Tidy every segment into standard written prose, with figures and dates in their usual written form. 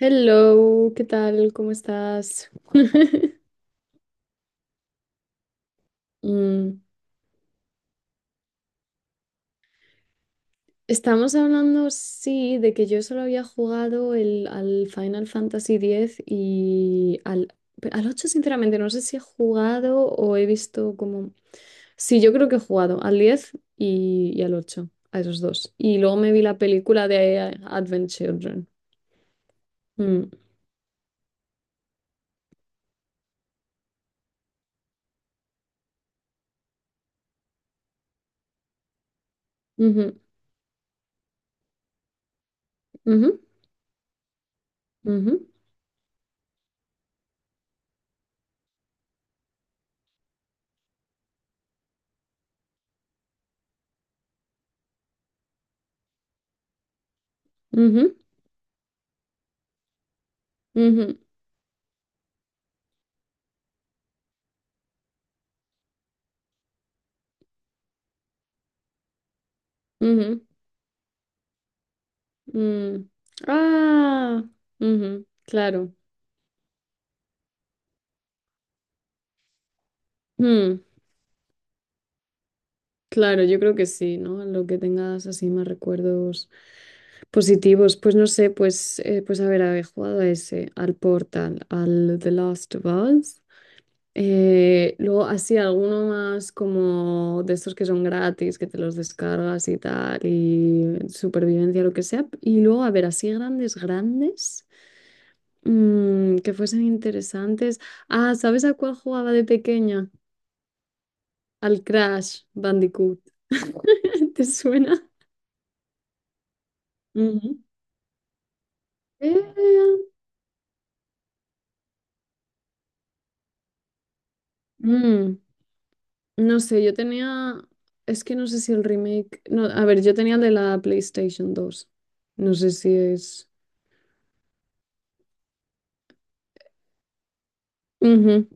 Hello, ¿qué tal? ¿Cómo estás? Mm, Estamos hablando, sí, de que yo solo había jugado al Final Fantasy diez y al ocho. Sinceramente, no sé si he jugado o he visto como... Sí, yo creo que he jugado al 10 y al ocho, a esos dos. Y luego me vi la película de Advent Children. Mm, ujú, ujú, ujú, ujú, ujú, ujú, mm. Ah, ujú, claro. Mm, claro, yo creo que sí, ¿no? Lo que tengas así más recuerdos positivos. Pues no sé, pues, pues a ver, he jugado a ese, al Portal, al The Last of Us. Luego así alguno más como de estos que son gratis, que te los descargas y tal, y supervivencia, lo que sea. Y luego, a ver, así grandes, grandes, que fuesen interesantes. Ah, ¿sabes a cuál jugaba de pequeña? Al Crash Bandicoot. ¿Te suena? Ujú. Eh, mm, no sé, yo tenía. Es que no sé si el remake. No, a ver, yo tenía el de la PlayStation 2. No sé si es. Ujú.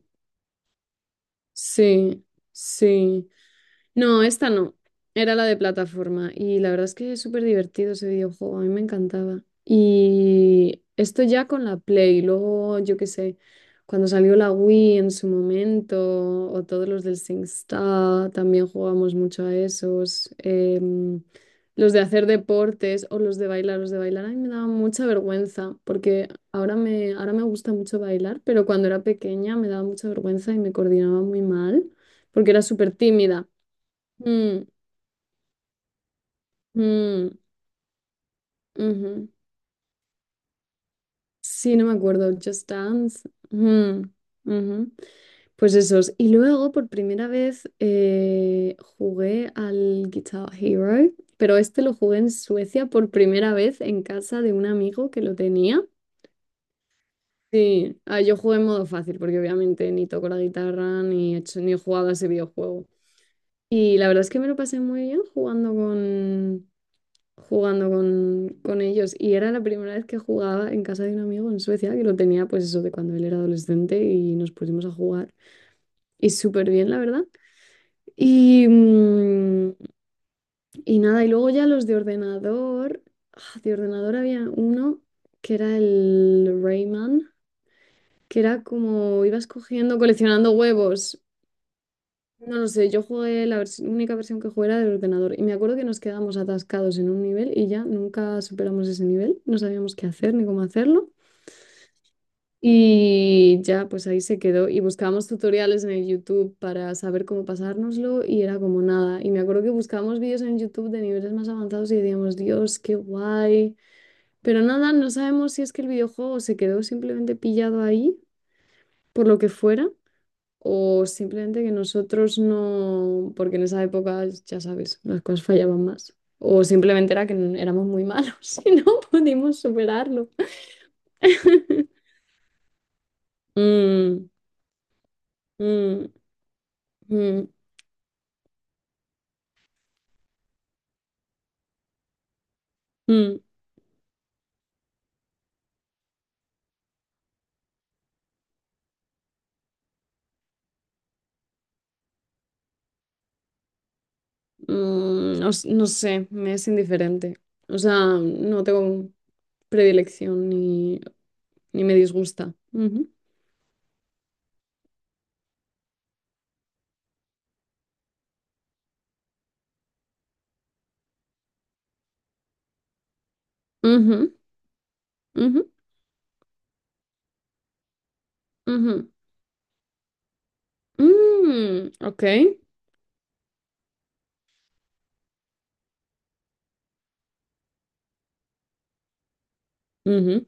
Sí, sí. No, esta no. Era la de plataforma. Y la verdad es que es súper divertido ese videojuego. A mí me encantaba. Y esto ya con la Play. Luego, yo qué sé, cuando salió la Wii en su momento, o todos los del SingStar, también jugamos mucho a esos. Los de hacer deportes o los de bailar. Los de bailar a mí me daba mucha vergüenza, porque ahora me gusta mucho bailar, pero cuando era pequeña me daba mucha vergüenza y me coordinaba muy mal, porque era súper tímida. Mm, mm, ujú. Sí, no me acuerdo. Just Dance. Mm, ujú. Pues esos. Y luego, por primera vez, jugué al Guitar Hero, pero este lo jugué en Suecia por primera vez en casa de un amigo que lo tenía. Sí, ah, yo jugué en modo fácil porque obviamente ni toco la guitarra, ni he hecho, ni he jugado a ese videojuego. Y la verdad es que me lo pasé muy bien jugando, jugando con ellos. Y era la primera vez que jugaba en casa de un amigo en Suecia, que lo tenía pues eso, de cuando él era adolescente, y nos pusimos a jugar. Y súper bien, la verdad. Y, y nada, y luego ya los de ordenador. Ah, de ordenador había uno que era el Rayman, que era como ibas cogiendo, coleccionando huevos. No lo sé, yo jugué la única versión que jugué era del ordenador y me acuerdo que nos quedábamos atascados en un nivel y ya nunca superamos ese nivel, no sabíamos qué hacer ni cómo hacerlo y ya pues ahí se quedó. Y buscábamos tutoriales en el YouTube para saber cómo pasárnoslo y era como nada. Y me acuerdo que buscábamos vídeos en YouTube de niveles más avanzados y decíamos, Dios, qué guay. Pero nada, no sabemos si es que el videojuego se quedó simplemente pillado ahí, por lo que fuera, o simplemente que nosotros no, porque en esa época, ya sabes, las cosas fallaban más. O simplemente era que éramos muy malos y no pudimos superarlo. Mm, mm, mm, mm, no, no sé, me es indiferente. O sea, no tengo predilección ni, ni me disgusta. Ujú, ujú, ujú, ujú. Mm, ok. Ujú.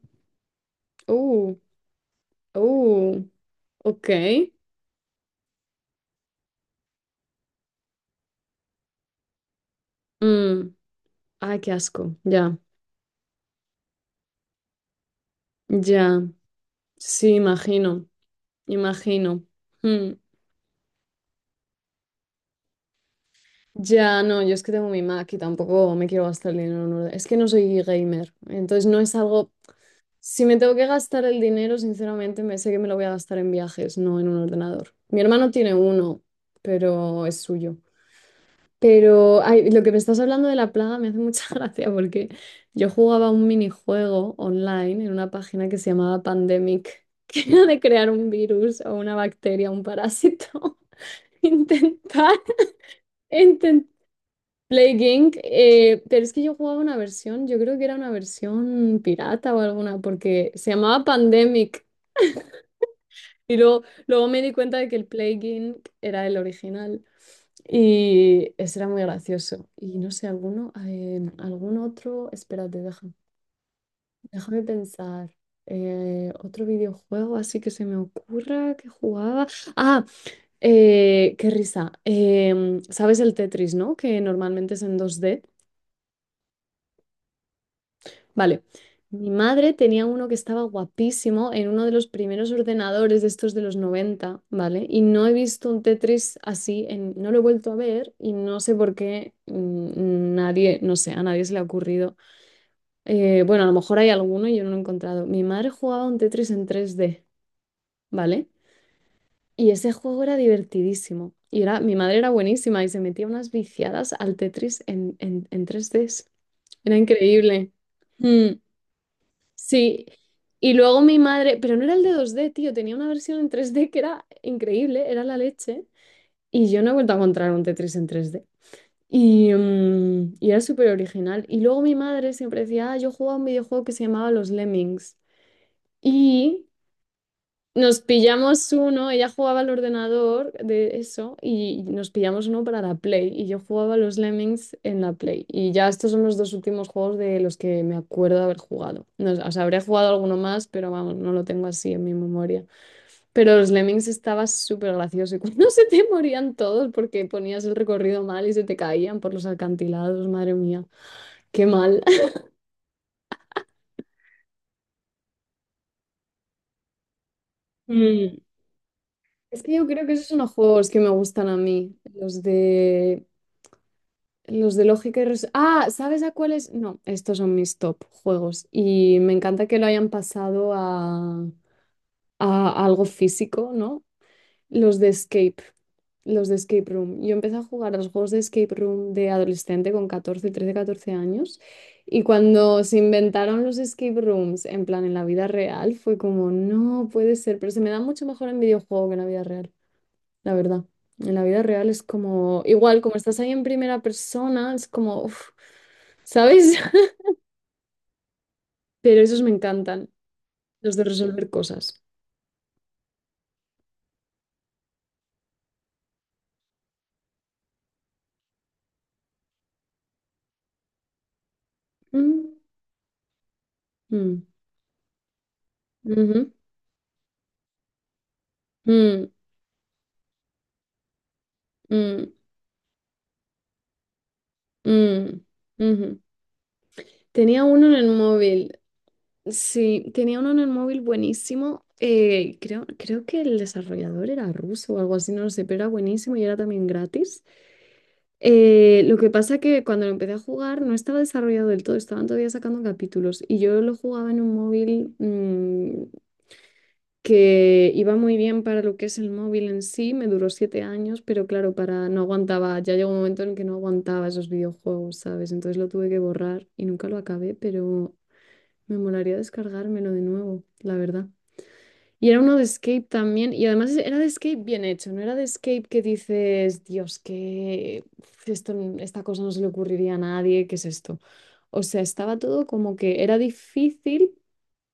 Uh, uh, ok. Mm. Ay, qué asco. Ya, ya. Sí, imagino, imagino. Mm. Ya, no, yo es que tengo mi Mac y tampoco me quiero gastar el dinero en un Es que no soy gamer, entonces no es algo... Si me tengo que gastar el dinero, sinceramente, me sé que me lo voy a gastar en viajes, no en un ordenador. Mi hermano tiene uno, pero es suyo. Pero ay, lo que me estás hablando de la plaga me hace mucha gracia, porque yo jugaba un minijuego online en una página que se llamaba Pandemic, que era de crear un virus o una bacteria, un parásito, intentar, intentar Plague Inc. Pero es que yo jugaba una versión, yo creo que era una versión pirata o alguna, porque se llamaba Pandemic y luego me di cuenta de que el Plague Inc. era el original. Y ese era muy gracioso. Y no sé, alguno, algún otro, espérate, déjame pensar. Otro videojuego así que se me ocurra que jugaba. Ah, qué risa. ¿Sabes el Tetris, no? Que normalmente es en dos d. Vale. Mi madre tenía uno que estaba guapísimo en uno de los primeros ordenadores de estos de los noventa, ¿vale? Y no he visto un Tetris así, no lo he vuelto a ver y no sé por qué nadie, no sé, a nadie se le ha ocurrido. Bueno, a lo mejor hay alguno y yo no lo he encontrado. Mi madre jugaba un Tetris en tres d, ¿vale? Y ese juego era divertidísimo. Y era, mi madre era buenísima y se metía unas viciadas al Tetris en tres d. Era increíble. Sí, y luego mi madre, pero no era el de dos d, tío, tenía una versión en tres d que era increíble, era la leche, y yo no he vuelto a encontrar un Tetris en tres d. Y, y era súper original. Y luego mi madre siempre decía, ah, yo jugaba a un videojuego que se llamaba Los Lemmings. Y nos pillamos uno, ella jugaba al ordenador de eso y nos pillamos uno para la Play, y yo jugaba a los Lemmings en la Play y ya, estos son los dos últimos juegos de los que me acuerdo de haber jugado. No, o sea, habré jugado alguno más, pero vamos, no lo tengo así en mi memoria. Pero los Lemmings estaba súper gracioso, y cuando se te morían todos porque ponías el recorrido mal y se te caían por los alcantilados, madre mía, qué mal. Mm, Es que yo creo que esos son los juegos que me gustan a mí, los de lógica y Ah, ¿sabes a cuáles? No, estos son mis top juegos. Y me encanta que lo hayan pasado a, algo físico, ¿no? Los de Escape, los de Escape Room. Yo empecé a jugar a los juegos de Escape Room de adolescente con 14, 13, 14 años. Y cuando se inventaron los escape rooms, en plan en la vida real, fue como, no puede ser, pero se me da mucho mejor en videojuego que en la vida, la verdad. En la vida real es como, igual, como estás ahí en primera persona, es como, uf, ¿sabes? Pero esos me encantan, los de resolver cosas. Mm, mm, ujú, mm, mm, mm, ujú. Tenía uno en el móvil, sí, tenía uno en el móvil buenísimo. Creo que el desarrollador era ruso o algo así, no lo sé, pero era buenísimo y era también gratis. Lo que pasa que cuando lo empecé a jugar no estaba desarrollado del todo, estaban todavía sacando capítulos y yo lo jugaba en un móvil que iba muy bien para lo que es el móvil en sí, me duró 7 años, pero claro, para no aguantaba, ya llegó un momento en el que no aguantaba esos videojuegos, ¿sabes? Entonces lo tuve que borrar y nunca lo acabé, pero me molaría descargármelo de nuevo, la verdad. Y era uno de Escape también, y además era de Escape bien hecho, no era de Escape que dices, Dios, que uf, esto, esta cosa no se le ocurriría a nadie, ¿qué es esto? O sea, estaba todo como que era difícil,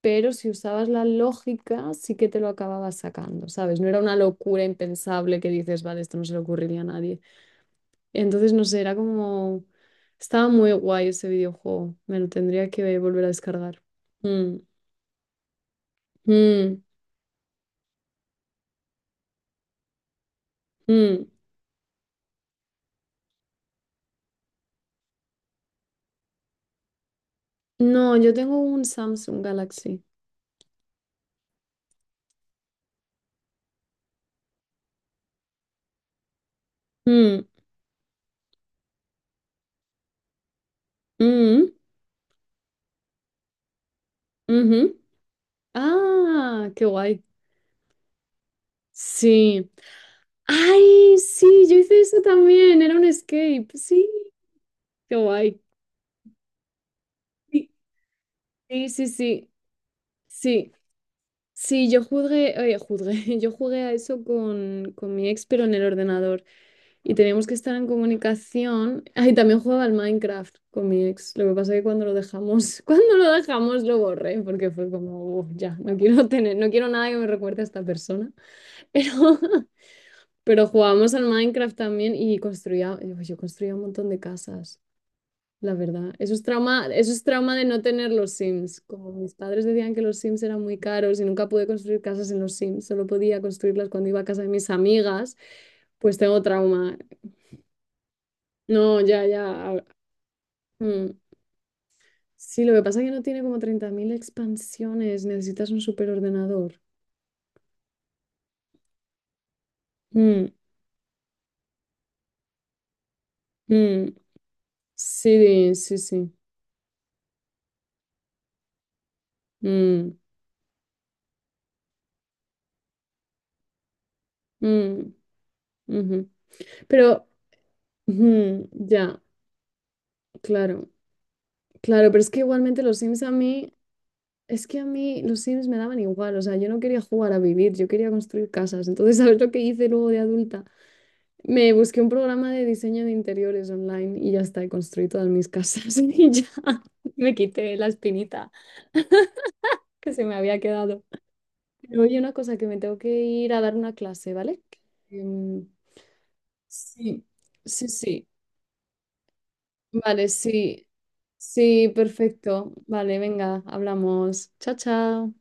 pero si usabas la lógica, sí que te lo acababas sacando, ¿sabes? No era una locura impensable que dices, vale, esto no se le ocurriría a nadie. Entonces, no sé, era como... Estaba muy guay ese videojuego, me lo tendría que volver a descargar. Mm, mm, mm. No, yo tengo un Samsung Galaxy. Mm, mm, ujú. Ah, qué guay. Sí. Ay, sí, yo hice eso también. Era un escape. Sí, qué guay. Sí, sí, sí. Sí, sí, sí, yo jugué a eso con, mi ex, pero en el ordenador. Y teníamos que estar en comunicación. Ah, y también jugaba al Minecraft con mi ex. Lo que pasa es que cuando lo dejamos, cuando lo dejamos lo borré, porque fue como, "Uf, ya, no quiero tener, no quiero nada que me recuerde a esta persona". Pero, pero jugábamos al Minecraft también y construía, yo construía un montón de casas, la verdad. Eso es trauma de no tener los Sims. Como mis padres decían que los Sims eran muy caros y nunca pude construir casas en los Sims, solo podía construirlas cuando iba a casa de mis amigas. Pues tengo trauma no, ya, ya. a- mm. Sí, lo que pasa es que no tiene como 30.000 expansiones. Necesitas un superordenador. Mm, mm. Sí, sí, sí. Mm, mm, ujú. Pero, ujú, ya, claro. Claro, pero es que igualmente los Sims a mí, es que a mí los Sims me daban igual. O sea, yo no quería jugar a vivir, yo quería construir casas. Entonces, ¿sabes lo que hice luego de adulta? Me busqué un programa de diseño de interiores online y ya está, he construido todas mis casas y ya me quité la espinita que se me había quedado. Pero oye, una cosa, que me tengo que ir a dar una clase, ¿vale? Em, sí, sí, sí. Vale, sí. Sí, perfecto. Vale, venga, hablamos. Chao, chao.